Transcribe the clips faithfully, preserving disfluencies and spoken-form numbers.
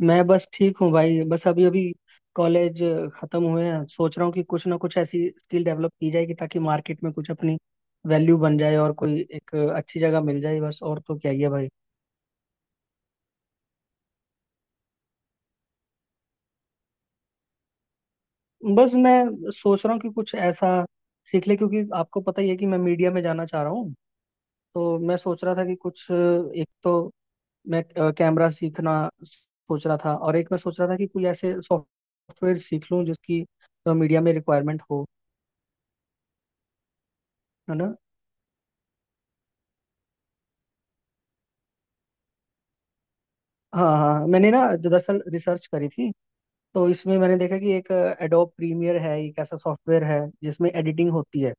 मैं बस ठीक हूँ भाई। बस अभी अभी कॉलेज खत्म हुए हैं। सोच रहा हूँ कि कुछ ना कुछ ऐसी स्किल डेवलप की जाएगी ताकि मार्केट में कुछ अपनी वैल्यू बन जाए और कोई एक अच्छी जगह मिल जाए। बस और तो क्या ही है भाई। बस मैं सोच रहा हूँ कि कुछ ऐसा सीख ले, क्योंकि आपको पता ही है कि मैं मीडिया में जाना चाह रहा हूँ। तो मैं सोच रहा था कि कुछ अ, एक तो मैं कैमरा सीखना सोच रहा था, और एक मैं सोच रहा था कि कोई ऐसे सॉफ्टवेयर सीख लूँ जिसकी मीडिया में रिक्वायरमेंट हो, है ना। हाँ हाँ हाँ। मैंने ना दरअसल रिसर्च करी थी, तो इसमें मैंने देखा कि एक एडोब प्रीमियर है, एक ऐसा सॉफ्टवेयर है जिसमें एडिटिंग होती है।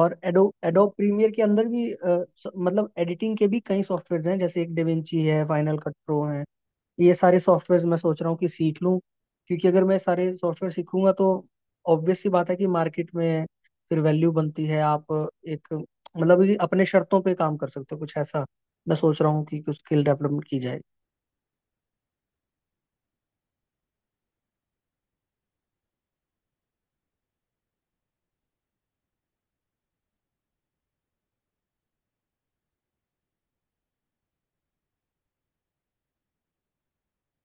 और एडो एडोब प्रीमियर के अंदर भी अ, स- मतलब एडिटिंग के भी कई सॉफ्टवेयर हैं, जैसे एक डेविंची है, फाइनल कट प्रो है। ये सारे सॉफ्टवेयर मैं सोच रहा हूँ कि सीख लूँ, क्योंकि अगर मैं सारे सॉफ्टवेयर सीखूंगा तो ऑब्वियस सी बात है कि मार्केट में फिर वैल्यू बनती है। आप एक मतलब कि अपने शर्तों पे काम कर सकते हो। कुछ ऐसा मैं सोच रहा हूँ कि कुछ स्किल डेवलपमेंट की जाए।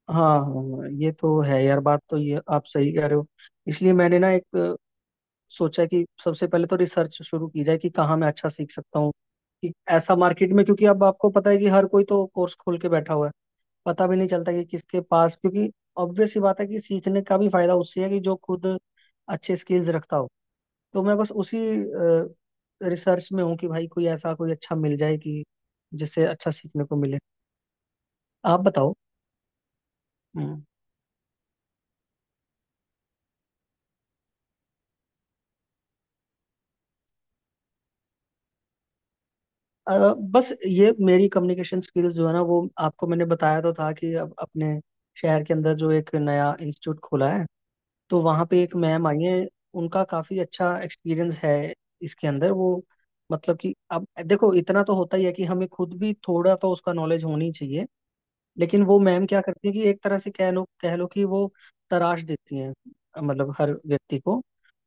हाँ हाँ, ये तो है यार, बात तो ये आप सही कह रहे हो। इसलिए मैंने ना एक अ, सोचा कि सबसे पहले तो रिसर्च शुरू की जाए कि कहाँ मैं अच्छा सीख सकता हूँ, कि ऐसा मार्केट में, क्योंकि अब आपको पता है कि हर कोई तो कोर्स खोल के बैठा हुआ है। पता भी नहीं चलता कि किसके पास, क्योंकि ऑब्वियस सी बात है कि सीखने का भी फायदा उससे है कि जो खुद अच्छे स्किल्स रखता हो। तो मैं बस उसी रिसर्च में हूँ कि भाई कोई ऐसा कोई अच्छा मिल जाए कि जिससे अच्छा सीखने को मिले। आप बताओ। हम्म। अ, बस ये मेरी कम्युनिकेशन स्किल्स जो है ना, वो आपको मैंने बताया तो था कि अब अपने शहर के अंदर जो एक नया इंस्टीट्यूट खुला है, तो वहाँ पे एक मैम आई है। उनका काफ़ी अच्छा एक्सपीरियंस है। इसके अंदर वो मतलब कि अब देखो, इतना तो होता ही है कि हमें खुद भी थोड़ा तो उसका नॉलेज होनी चाहिए, लेकिन वो मैम क्या करती हैं कि एक तरह से कह लो कह लो कि वो तराश देती हैं, मतलब हर व्यक्ति को।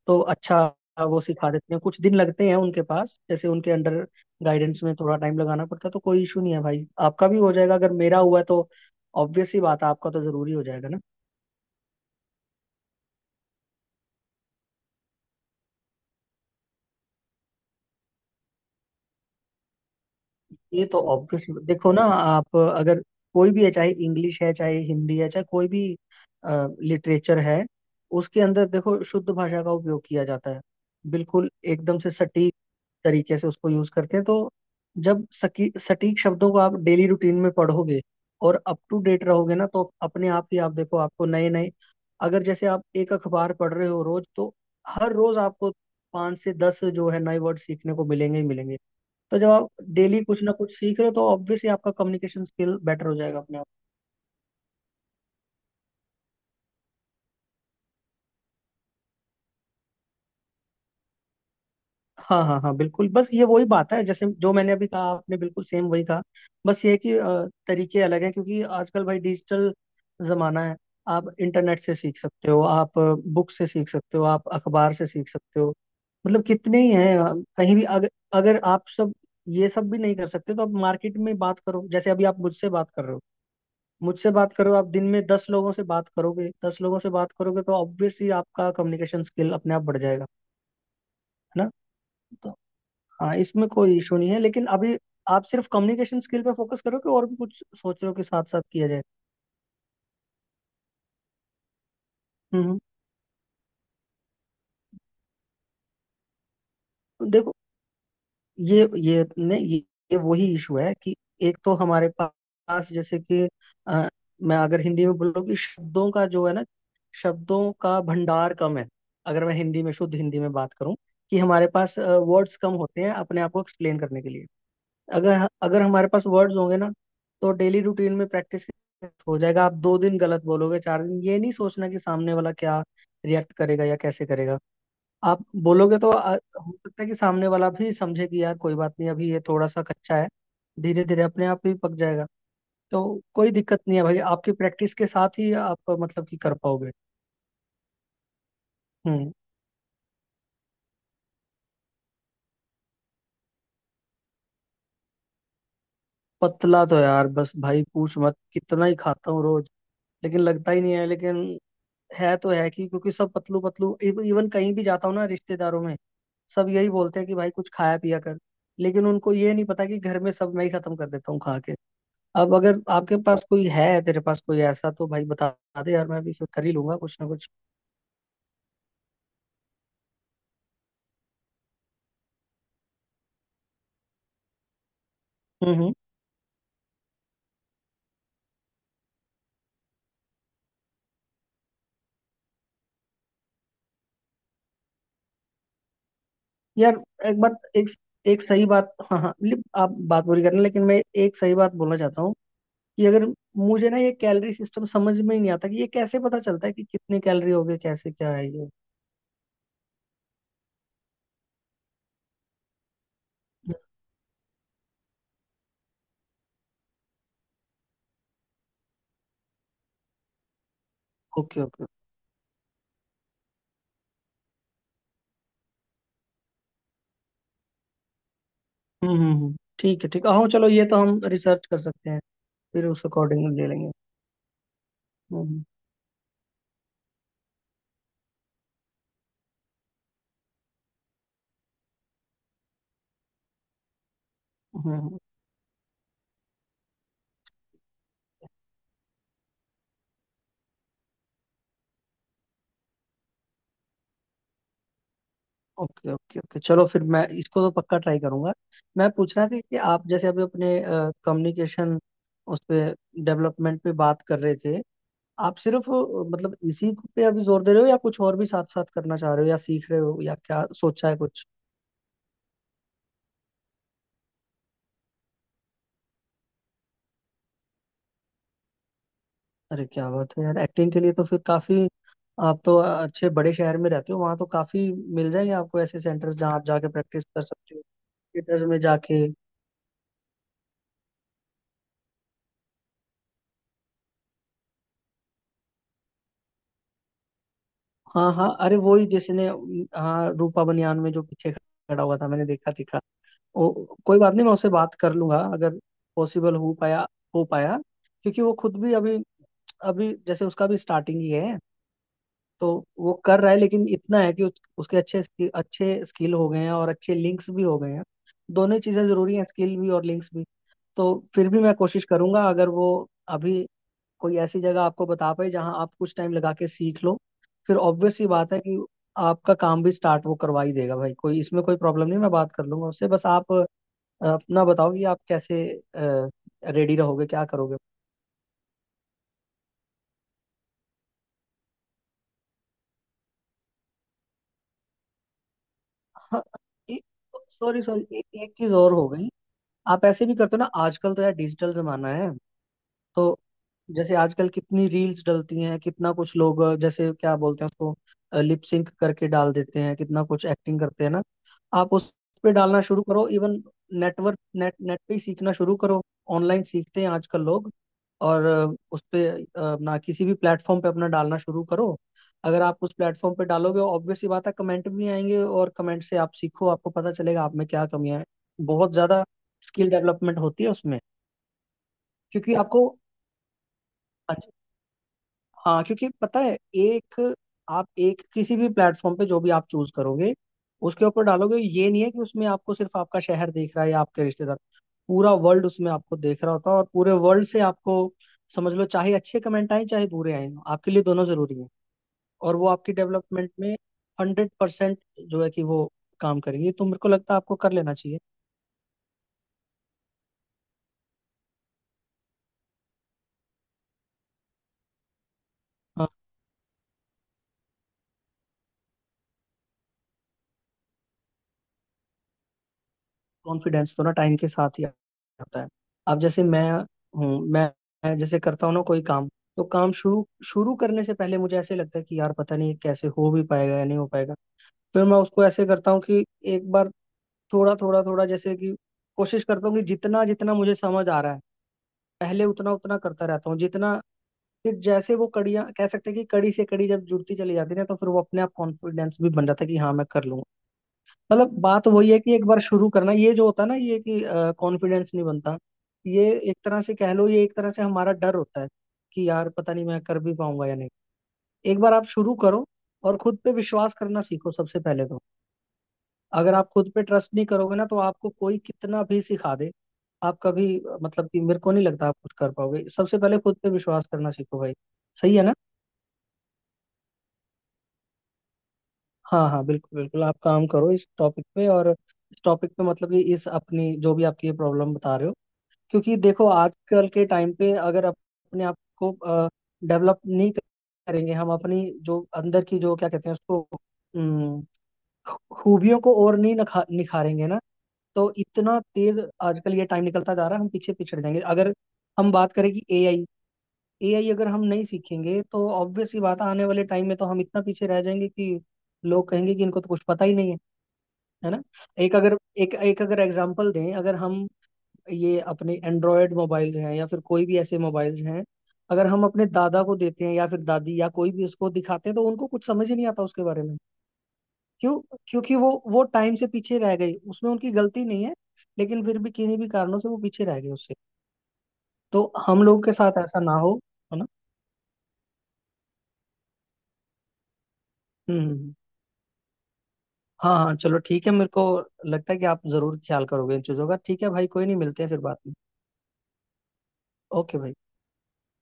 तो अच्छा, वो सिखा देती हैं। कुछ दिन लगते हैं उनके पास, जैसे उनके अंडर गाइडेंस में थोड़ा टाइम लगाना पड़ता है। तो कोई इशू नहीं है भाई, आपका भी हो जाएगा। अगर मेरा हुआ है तो ऑब्वियस सी बात है, आपका तो जरूरी हो जाएगा ना। ये तो ऑब्वियस, देखो ना, आप अगर कोई भी है, चाहे इंग्लिश है, चाहे हिंदी है, चाहे कोई भी लिटरेचर है, उसके अंदर देखो शुद्ध भाषा का उपयोग किया जाता है। बिल्कुल एकदम से सटीक तरीके से उसको यूज करते हैं। तो जब सकी सटीक शब्दों को आप डेली रूटीन में पढ़ोगे और अप टू डेट रहोगे ना, तो अपने आप ही, आप देखो, आपको नए नए, अगर जैसे आप एक अखबार पढ़ रहे हो रोज, तो हर रोज आपको पांच से दस जो है नए वर्ड सीखने को मिलेंगे ही मिलेंगे। तो जब आप डेली कुछ ना कुछ सीख रहे हो तो ऑब्वियसली आपका कम्युनिकेशन स्किल बेटर हो जाएगा अपने आप। हाँ हाँ हाँ बिल्कुल। बस ये वही बात है, जैसे जो मैंने अभी कहा, आपने बिल्कुल सेम वही कहा। बस ये है कि अ, तरीके अलग हैं, क्योंकि आजकल भाई डिजिटल जमाना है। आप इंटरनेट से सीख सकते हो, आप बुक से सीख सकते हो, आप अखबार से सीख सकते हो, मतलब कितने ही हैं। अ, कहीं भी, अगर अगर आप सब ये सब भी नहीं कर सकते तो आप मार्केट में बात करो, जैसे अभी आप मुझसे बात कर रहे हो। मुझसे बात करो, आप दिन में दस लोगों से बात करोगे, दस लोगों से बात करोगे, तो ऑब्वियसली आपका कम्युनिकेशन स्किल अपने आप बढ़ जाएगा। है ना। तो हाँ, इसमें कोई इशू नहीं है, लेकिन अभी आप सिर्फ कम्युनिकेशन स्किल पे फोकस करोगे, और भी कुछ सोच रहे हो कि साथ साथ किया जाए। हम्म हम्म। देखो, ये ये नहीं ये, ये वही इशू है कि एक तो हमारे पास, जैसे कि अ, मैं अगर हिंदी में बोलूँ कि शब्दों का जो है ना, शब्दों का भंडार कम है। अगर मैं हिंदी में, शुद्ध हिंदी में बात करूँ कि हमारे पास वर्ड्स कम होते हैं अपने आप को एक्सप्लेन करने के लिए। अगर अगर हमारे पास वर्ड्स होंगे ना, तो डेली रूटीन में प्रैक्टिस हो जाएगा। आप दो दिन गलत बोलोगे, चार दिन, ये नहीं सोचना कि सामने वाला क्या रिएक्ट करेगा या कैसे करेगा। आप बोलोगे तो, आ, हो सकता है कि सामने वाला भी समझे कि यार कोई बात नहीं, अभी ये थोड़ा सा कच्चा है, धीरे धीरे अपने आप ही पक जाएगा। तो कोई दिक्कत नहीं है भाई, आपकी प्रैक्टिस के साथ ही आप मतलब कि कर पाओगे। हम्म। पतला तो यार बस भाई पूछ मत, कितना ही खाता हूँ रोज, लेकिन लगता ही नहीं है। लेकिन है तो है कि, क्योंकि सब पतलू पतलू, इवन कहीं भी जाता हूँ ना रिश्तेदारों में, सब यही बोलते हैं कि भाई कुछ खाया पिया कर। लेकिन उनको ये नहीं पता कि घर में सब मैं ही खत्म कर देता हूँ खा के। अब अगर आपके पास कोई है, तेरे पास कोई ऐसा तो भाई बता दे यार, मैं भी फिर कर ही लूंगा कुछ ना कुछ। हम्म हम्म। यार एक बात एक एक सही बात, हाँ हाँ मतलब आप बात पूरी करना, लेकिन मैं एक सही बात बोलना चाहता हूँ कि अगर, मुझे ना ये कैलोरी सिस्टम समझ में ही नहीं आता कि ये कैसे पता चलता है कि कितने कैलोरी हो गए, कैसे क्या है ये। Okay okay. हम्म हम्म हम्म। ठीक है ठीक है, हाँ चलो, ये तो हम रिसर्च कर सकते हैं। फिर उस अकॉर्डिंग ले लेंगे। हम्म हम्म हम्म। हम्म। ओके ओके ओके, चलो फिर मैं इसको तो पक्का ट्राई करूंगा। मैं पूछ रहा था कि आप जैसे अभी अपने कम्युनिकेशन, उस पे, डेवलपमेंट पे बात कर रहे थे, आप सिर्फ अ, मतलब इसी पे अभी जोर दे रहे हो या कुछ और भी साथ साथ करना चाह रहे हो या सीख रहे हो, या क्या सोचा है कुछ। अरे क्या बात है यार, एक्टिंग के लिए तो फिर काफी, आप तो अच्छे बड़े शहर में रहते हो, वहां तो काफी मिल जाएंगे आपको ऐसे सेंटर्स जहाँ आप जाके प्रैक्टिस कर सकते हो, थिएटर्स में जाके। हाँ हाँ, अरे वो ही जिसने, हाँ रूपा बनियान में जो पीछे खड़ा हुआ था, मैंने देखा दिखा। वो कोई बात नहीं, मैं उससे बात कर लूंगा अगर पॉसिबल हो पाया हो पाया, क्योंकि वो खुद भी अभी अभी, जैसे उसका भी स्टार्टिंग ही है। तो वो कर रहा है, लेकिन इतना है कि उस, उसके अच्छे स्किल, अच्छे स्किल हो गए हैं, और अच्छे लिंक्स भी हो गए हैं। दोनों ही चीजें जरूरी हैं, स्किल भी और लिंक्स भी। तो फिर भी मैं कोशिश करूंगा, अगर वो अभी कोई ऐसी जगह आपको बता पाए जहाँ आप कुछ टाइम लगा के सीख लो, फिर ऑब्वियस सी बात है कि आपका काम भी स्टार्ट वो करवा ही देगा भाई, कोई इसमें कोई प्रॉब्लम नहीं, मैं बात कर लूंगा उससे। बस आप अ, अपना बताओ कि आप कैसे रेडी रहोगे, क्या करोगे। हाँ, एक, सॉरी सॉरी, एक, एक चीज और हो गई। आप ऐसे भी करते हो ना, आजकल तो यार डिजिटल जमाना है, तो जैसे आजकल कितनी रील्स डलती हैं, कितना कुछ लोग, अ, जैसे क्या बोलते हैं उसको, लिप सिंक करके डाल देते हैं, कितना कुछ एक्टिंग करते हैं ना। आप उस पे डालना शुरू करो, इवन नेटवर्क नेट नेट पे ही सीखना शुरू करो, ऑनलाइन सीखते हैं आजकल लोग। और अ, उस पे, अ, अपना किसी भी प्लेटफॉर्म पे अपना डालना शुरू करो। अगर आप उस प्लेटफॉर्म पे डालोगे, ऑब्वियस सी बात है कमेंट भी आएंगे, और कमेंट से आप सीखो, आपको पता चलेगा आप में क्या कमियां हैं। बहुत ज्यादा स्किल डेवलपमेंट होती है उसमें, क्योंकि आपको, हाँ, क्योंकि पता है एक, आप एक किसी भी प्लेटफॉर्म पे जो भी आप चूज करोगे, उसके ऊपर डालोगे, ये नहीं है कि उसमें आपको सिर्फ आपका शहर दिख रहा है या आपके रिश्तेदार, पूरा वर्ल्ड उसमें आपको देख रहा होता है, और पूरे वर्ल्ड से आपको, समझ लो, चाहे अच्छे कमेंट आए, चाहे बुरे आए, आपके लिए दोनों जरूरी है, और वो आपकी डेवलपमेंट में हंड्रेड परसेंट जो है कि वो काम करेंगे। तो मेरे को लगता है आपको कर लेना चाहिए। कॉन्फिडेंस तो ना टाइम के साथ ही आता है। अब जैसे मैं हूँ मैं मैं जैसे करता हूँ ना कोई काम, तो काम शुरू शुरू करने से पहले मुझे ऐसे लगता है कि यार पता नहीं ये कैसे हो भी पाएगा या नहीं हो पाएगा। फिर मैं उसको ऐसे करता हूँ कि एक बार थोड़ा थोड़ा थोड़ा, जैसे कि कोशिश करता हूँ कि जितना जितना मुझे समझ आ रहा है, पहले उतना उतना करता रहता हूँ, जितना फिर, जैसे वो कड़ियाँ कह सकते हैं कि कड़ी से कड़ी जब जुड़ती चली जाती है ना, तो फिर वो अपने आप कॉन्फिडेंस भी बन जाता है कि हाँ मैं कर लूंगा। मतलब बात वही है कि एक बार शुरू करना, ये जो होता है ना, ये कि कॉन्फिडेंस नहीं बनता, ये एक तरह से कह लो, ये एक तरह से हमारा डर होता है कि यार पता नहीं मैं कर भी पाऊंगा या नहीं। एक बार आप शुरू करो, और खुद पे विश्वास करना सीखो सबसे पहले तो। अगर आप खुद पे ट्रस्ट नहीं करोगे ना, तो आपको कोई कितना भी सिखा दे, आप कभी अ, मतलब कि मेरे को नहीं लगता आप कुछ कर पाओगे। सबसे पहले खुद पे विश्वास करना सीखो भाई, सही है ना। हाँ हाँ बिल्कुल बिल्कुल, आप काम करो इस टॉपिक पे, और इस टॉपिक पे मतलब कि इस अपनी, जो भी आपकी ये प्रॉब्लम बता रहे हो, क्योंकि देखो आजकल के टाइम पे अगर अपने आप को डेवलप नहीं करेंगे हम, अपनी जो अंदर की जो क्या कहते हैं उसको, अम, खूबियों को, और नहीं नखा, निखारेंगे ना, तो इतना तेज आजकल ये टाइम निकलता जा रहा है, हम पीछे पिछड़ जाएंगे। अगर हम बात करें कि ए आई, एआई अगर हम नहीं सीखेंगे तो ऑब्वियस सी बात है, आने वाले टाइम में तो हम इतना पीछे रह जाएंगे कि लोग कहेंगे कि इनको तो कुछ पता ही नहीं है। है ना। एक अगर एक एक अगर एग्जांपल दें, अगर हम ये अपने एंड्रॉयड मोबाइल्स हैं या फिर कोई भी ऐसे मोबाइल्स हैं, अगर हम अपने दादा को देते हैं या फिर दादी, या कोई भी उसको दिखाते हैं, तो उनको कुछ समझ ही नहीं आता उसके बारे में। क्यों? क्योंकि वो वो टाइम से पीछे रह गई, उसमें उनकी गलती नहीं है, लेकिन फिर भी किन्हीं भी कारणों से वो पीछे रह गए उससे। तो हम लोगों के साथ ऐसा ना हो, है ना। हम्म हम्म, हम्म। हाँ हाँ चलो ठीक है, मेरे को लगता है कि आप जरूर ख्याल करोगे इन चीजों का। ठीक है भाई, कोई नहीं, मिलते हैं फिर बात में। ओके भाई।